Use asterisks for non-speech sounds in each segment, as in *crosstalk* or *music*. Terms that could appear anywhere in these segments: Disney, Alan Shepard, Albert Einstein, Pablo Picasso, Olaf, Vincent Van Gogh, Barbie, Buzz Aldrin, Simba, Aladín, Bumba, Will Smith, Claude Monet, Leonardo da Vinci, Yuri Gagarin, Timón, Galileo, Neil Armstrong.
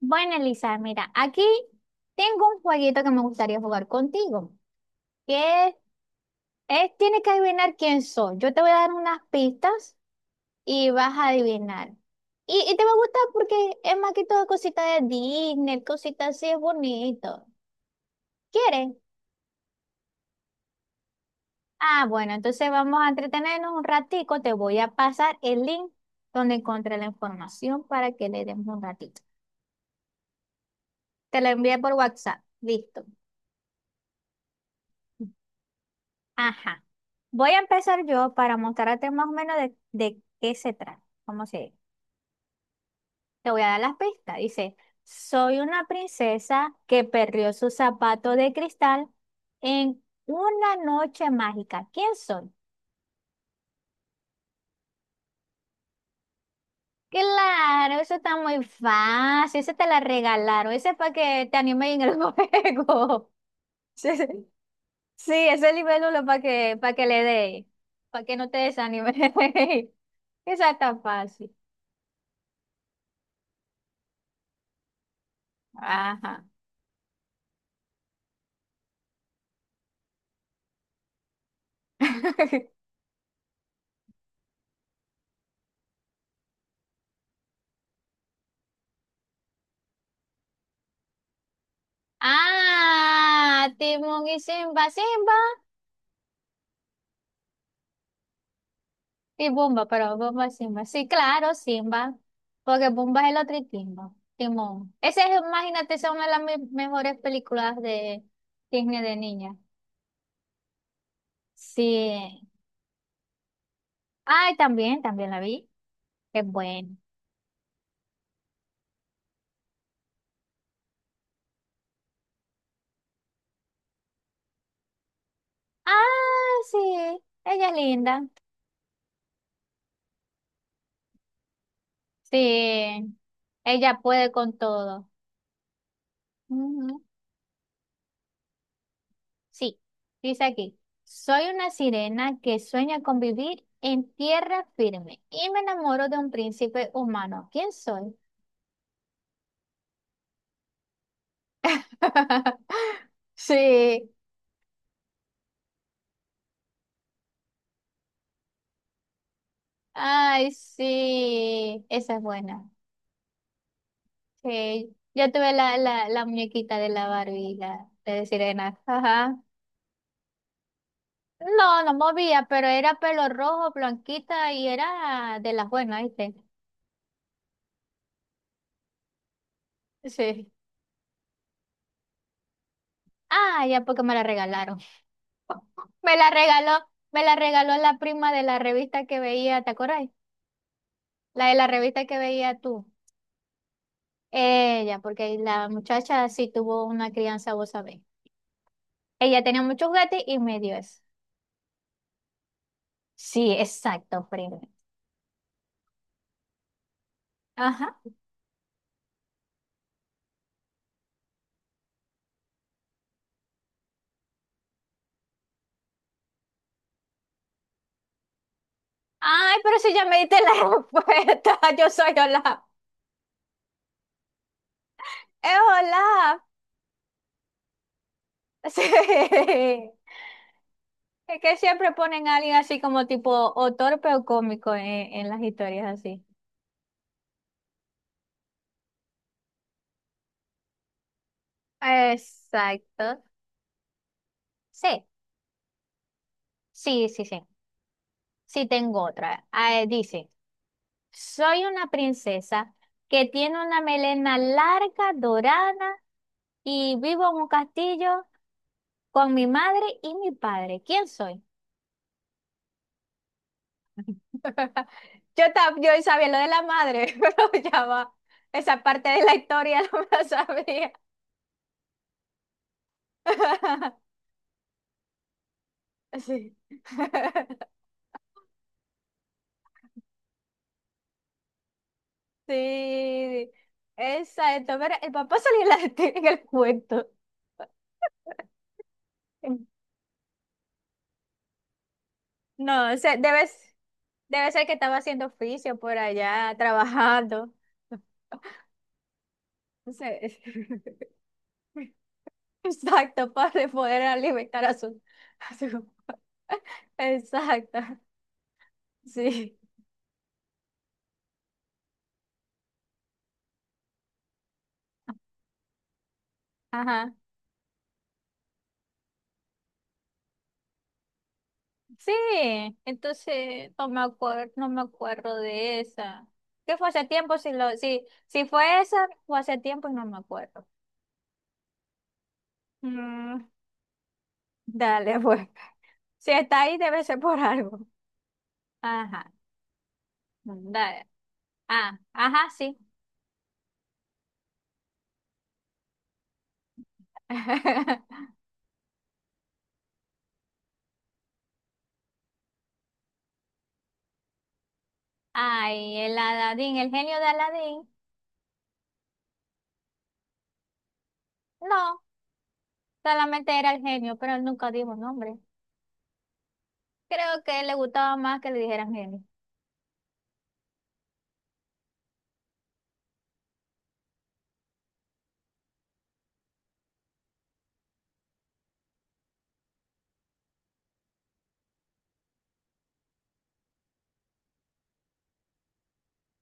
Bueno, Elisa, mira, aquí tengo un jueguito que me gustaría jugar contigo, que es, tienes que adivinar quién soy. Yo te voy a dar unas pistas y vas a adivinar. Y te va a gustar porque es más que todo cosita de Disney, cositas así, es bonito. ¿Quieres? Ah, bueno, entonces vamos a entretenernos un ratico. Te voy a pasar el link donde encontré la información para que le demos un ratito. Te lo envié por WhatsApp. Listo. Ajá. Voy a empezar yo para mostrarte más o menos de qué se trata. ¿Cómo se dice? Te voy a dar las pistas. Dice, soy una princesa que perdió su zapato de cristal en una noche mágica. ¿Quién soy? Claro, eso está muy fácil. Ese te la regalaron. Ese es para que te anime en el *laughs* juego. Sí, sí. Sí, ese libélulo para que le dé, para que no te desanime. *laughs* Esa está fácil. Ajá. *laughs* Ah, Timón y Simba, Simba y Bumba, pero Bumba es Simba. Sí, claro, Simba, porque Bumba es el otro y Timba, Timón. Ese es, imagínate, esa es una de las mejores películas de Disney de niña. Sí. Ay, también, también la vi. Es buena. Ah, sí, ella es linda. Sí, ella puede con todo. Ujú. Sí, dice aquí, soy una sirena que sueña con vivir en tierra firme y me enamoro de un príncipe humano. ¿Quién soy? *laughs* Sí, ay, sí, esa es buena. Sí, yo tuve la muñequita de la Barbie, la, de sirena. Ajá. No, no movía, pero era pelo rojo, blanquita y era de las buenas, ¿viste? Sí. Ah, ya porque me la regalaron. Me la regaló, me la regaló la prima de la revista que veía, ¿te acuerdas? La de la revista que veía tú. Ella, porque la muchacha sí tuvo una crianza, vos sabés. Ella tenía muchos gatos y me dio eso. Sí, exacto, prima. Ajá. Ay, pero si ya me diste la respuesta, *laughs* yo soy Olaf. Es Olaf. *laughs* Sí. Es que siempre ponen a alguien así como tipo o torpe o cómico en las historias así. Exacto. Sí, sí, sí, sí. Sí, tengo otra. Ah, dice, soy una princesa que tiene una melena larga, dorada, y vivo en un castillo con mi madre y mi padre. ¿Quién soy? *laughs* Yo, yo sabía lo de la madre, *laughs* pero ya va. Esa parte de la historia *laughs* no me la sabía. *laughs* Sí. *laughs* Sí. Exacto. Pero el papá salió en *laughs* en el cuento. No, o sea, debe ser que estaba haciendo oficio por allá, trabajando. No sé. *laughs* Exacto, para poder alimentar a su- *laughs* Exacto, sí. Ajá. Sí, entonces no me acuerdo, no me acuerdo de esa. ¿Qué fue hace tiempo? Si, lo, si, si fue esa, fue hace tiempo y no me acuerdo. Mm, dale, pues. Si está ahí, debe ser por algo. Ajá. Dale. Ah, ajá, sí. *laughs* Ay, el Aladín, el genio de Aladín. No, solamente era el genio, pero él nunca dijo nombre. Creo que le gustaba más que le dijeran genio.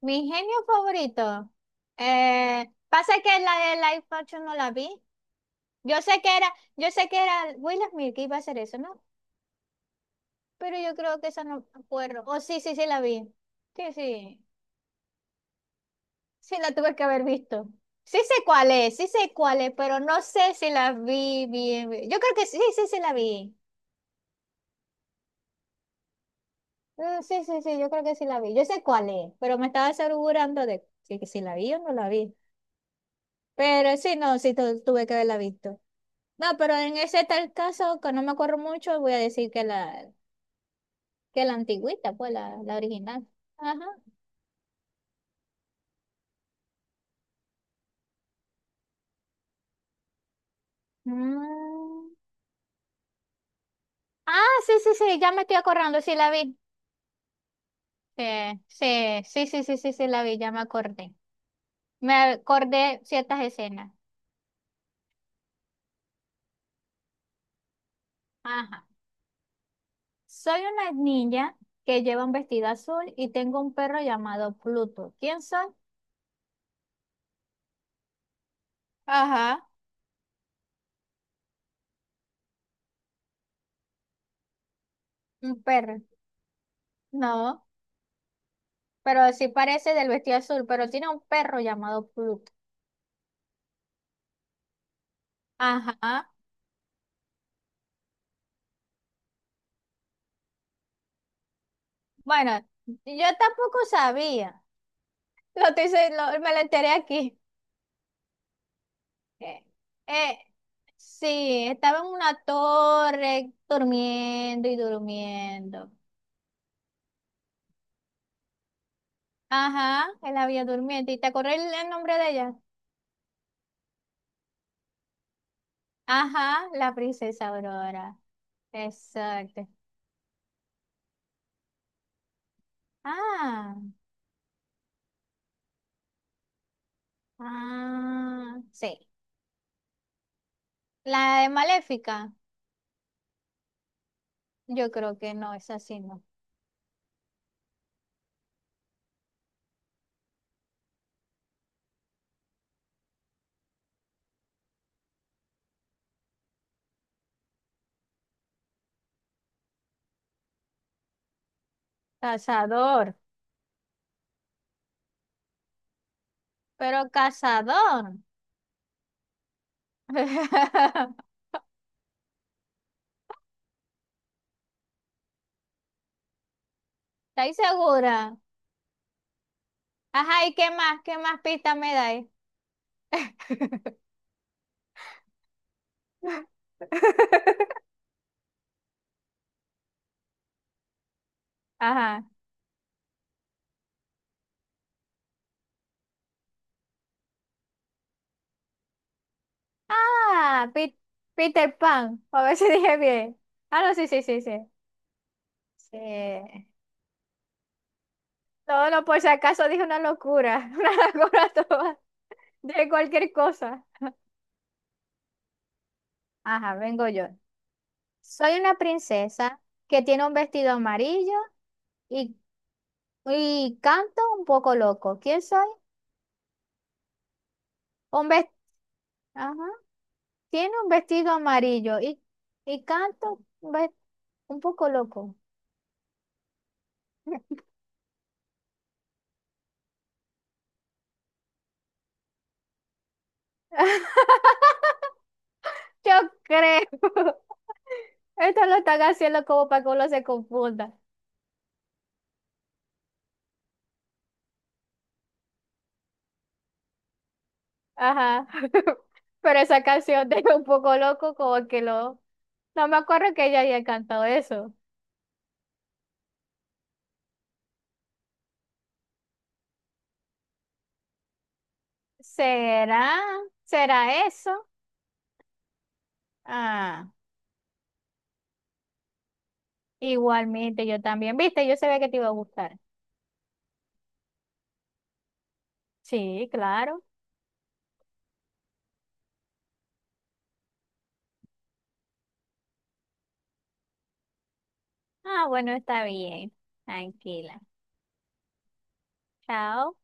Mi genio favorito. Pasa que la de Life Action no la vi. Yo sé que era, yo sé que era Will Smith que iba a hacer eso, ¿no? Pero yo creo que esa no me acuerdo. Oh, sí, sí, sí la vi. Sí, sí. Sí la tuve que haber visto. Sí sé cuál es, sí sé cuál es, pero no sé si la vi bien. Yo creo que sí, sí, sí la vi. Mm, sí, sí, sí, yo creo que sí la vi. Yo sé cuál es, pero me estaba asegurando de si, que si la vi o no la vi. Pero sí, no, sí tuve que haberla visto. No, pero en ese tal caso, que no me acuerdo mucho, voy a decir que la antigüita, pues la original. Ajá. Mm. Ah, sí, sí, sí, ya me estoy acordando, sí la vi. Sí, sí, sí, sí, sí, sí, la vi, ya me acordé. Me acordé ciertas escenas. Ajá. Soy una niña que lleva un vestido azul y tengo un perro llamado Pluto. ¿Quién soy? Ajá. Un perro. No, pero sí parece del vestido azul, pero tiene un perro llamado Pluto. Ajá. Bueno, yo tampoco sabía. Lo estoy me lo enteré aquí. Eh, eh, sí, estaba en una torre durmiendo y durmiendo. Ajá, él había durmiendo. ¿Y te acordás el nombre de ella? Ajá, la princesa Aurora. Exacto. Ah, ah, sí. La de Maléfica, yo creo que no es así, no. Cazador, pero cazador. *laughs* ¿Estáis segura? Ajá, ¿y qué más? ¿Qué más pista me dais? *laughs* Ajá. Ah, Peter Pan. A ver si dije bien. Ah, no, sí, sí, sí, sí. Sí. No, no, por si acaso dije una locura. *laughs* Una locura toda. De cualquier cosa. Ajá, vengo yo. Soy una princesa que tiene un vestido amarillo y, y canto un poco loco. ¿Quién soy? Un ves- Ajá. Tiene un vestido amarillo y canto un, un poco loco. *laughs* Yo creo. *laughs* Esto lo están haciendo como para que uno se confunda. Ajá. *laughs* Pero esa canción de un poco loco, como que lo. No me acuerdo que ella haya cantado eso. ¿Será? ¿Será eso? Ah. Igualmente, yo también. ¿Viste? Yo sabía que te iba a gustar. Sí, claro. Ah, bueno, está bien. Tranquila. Chao.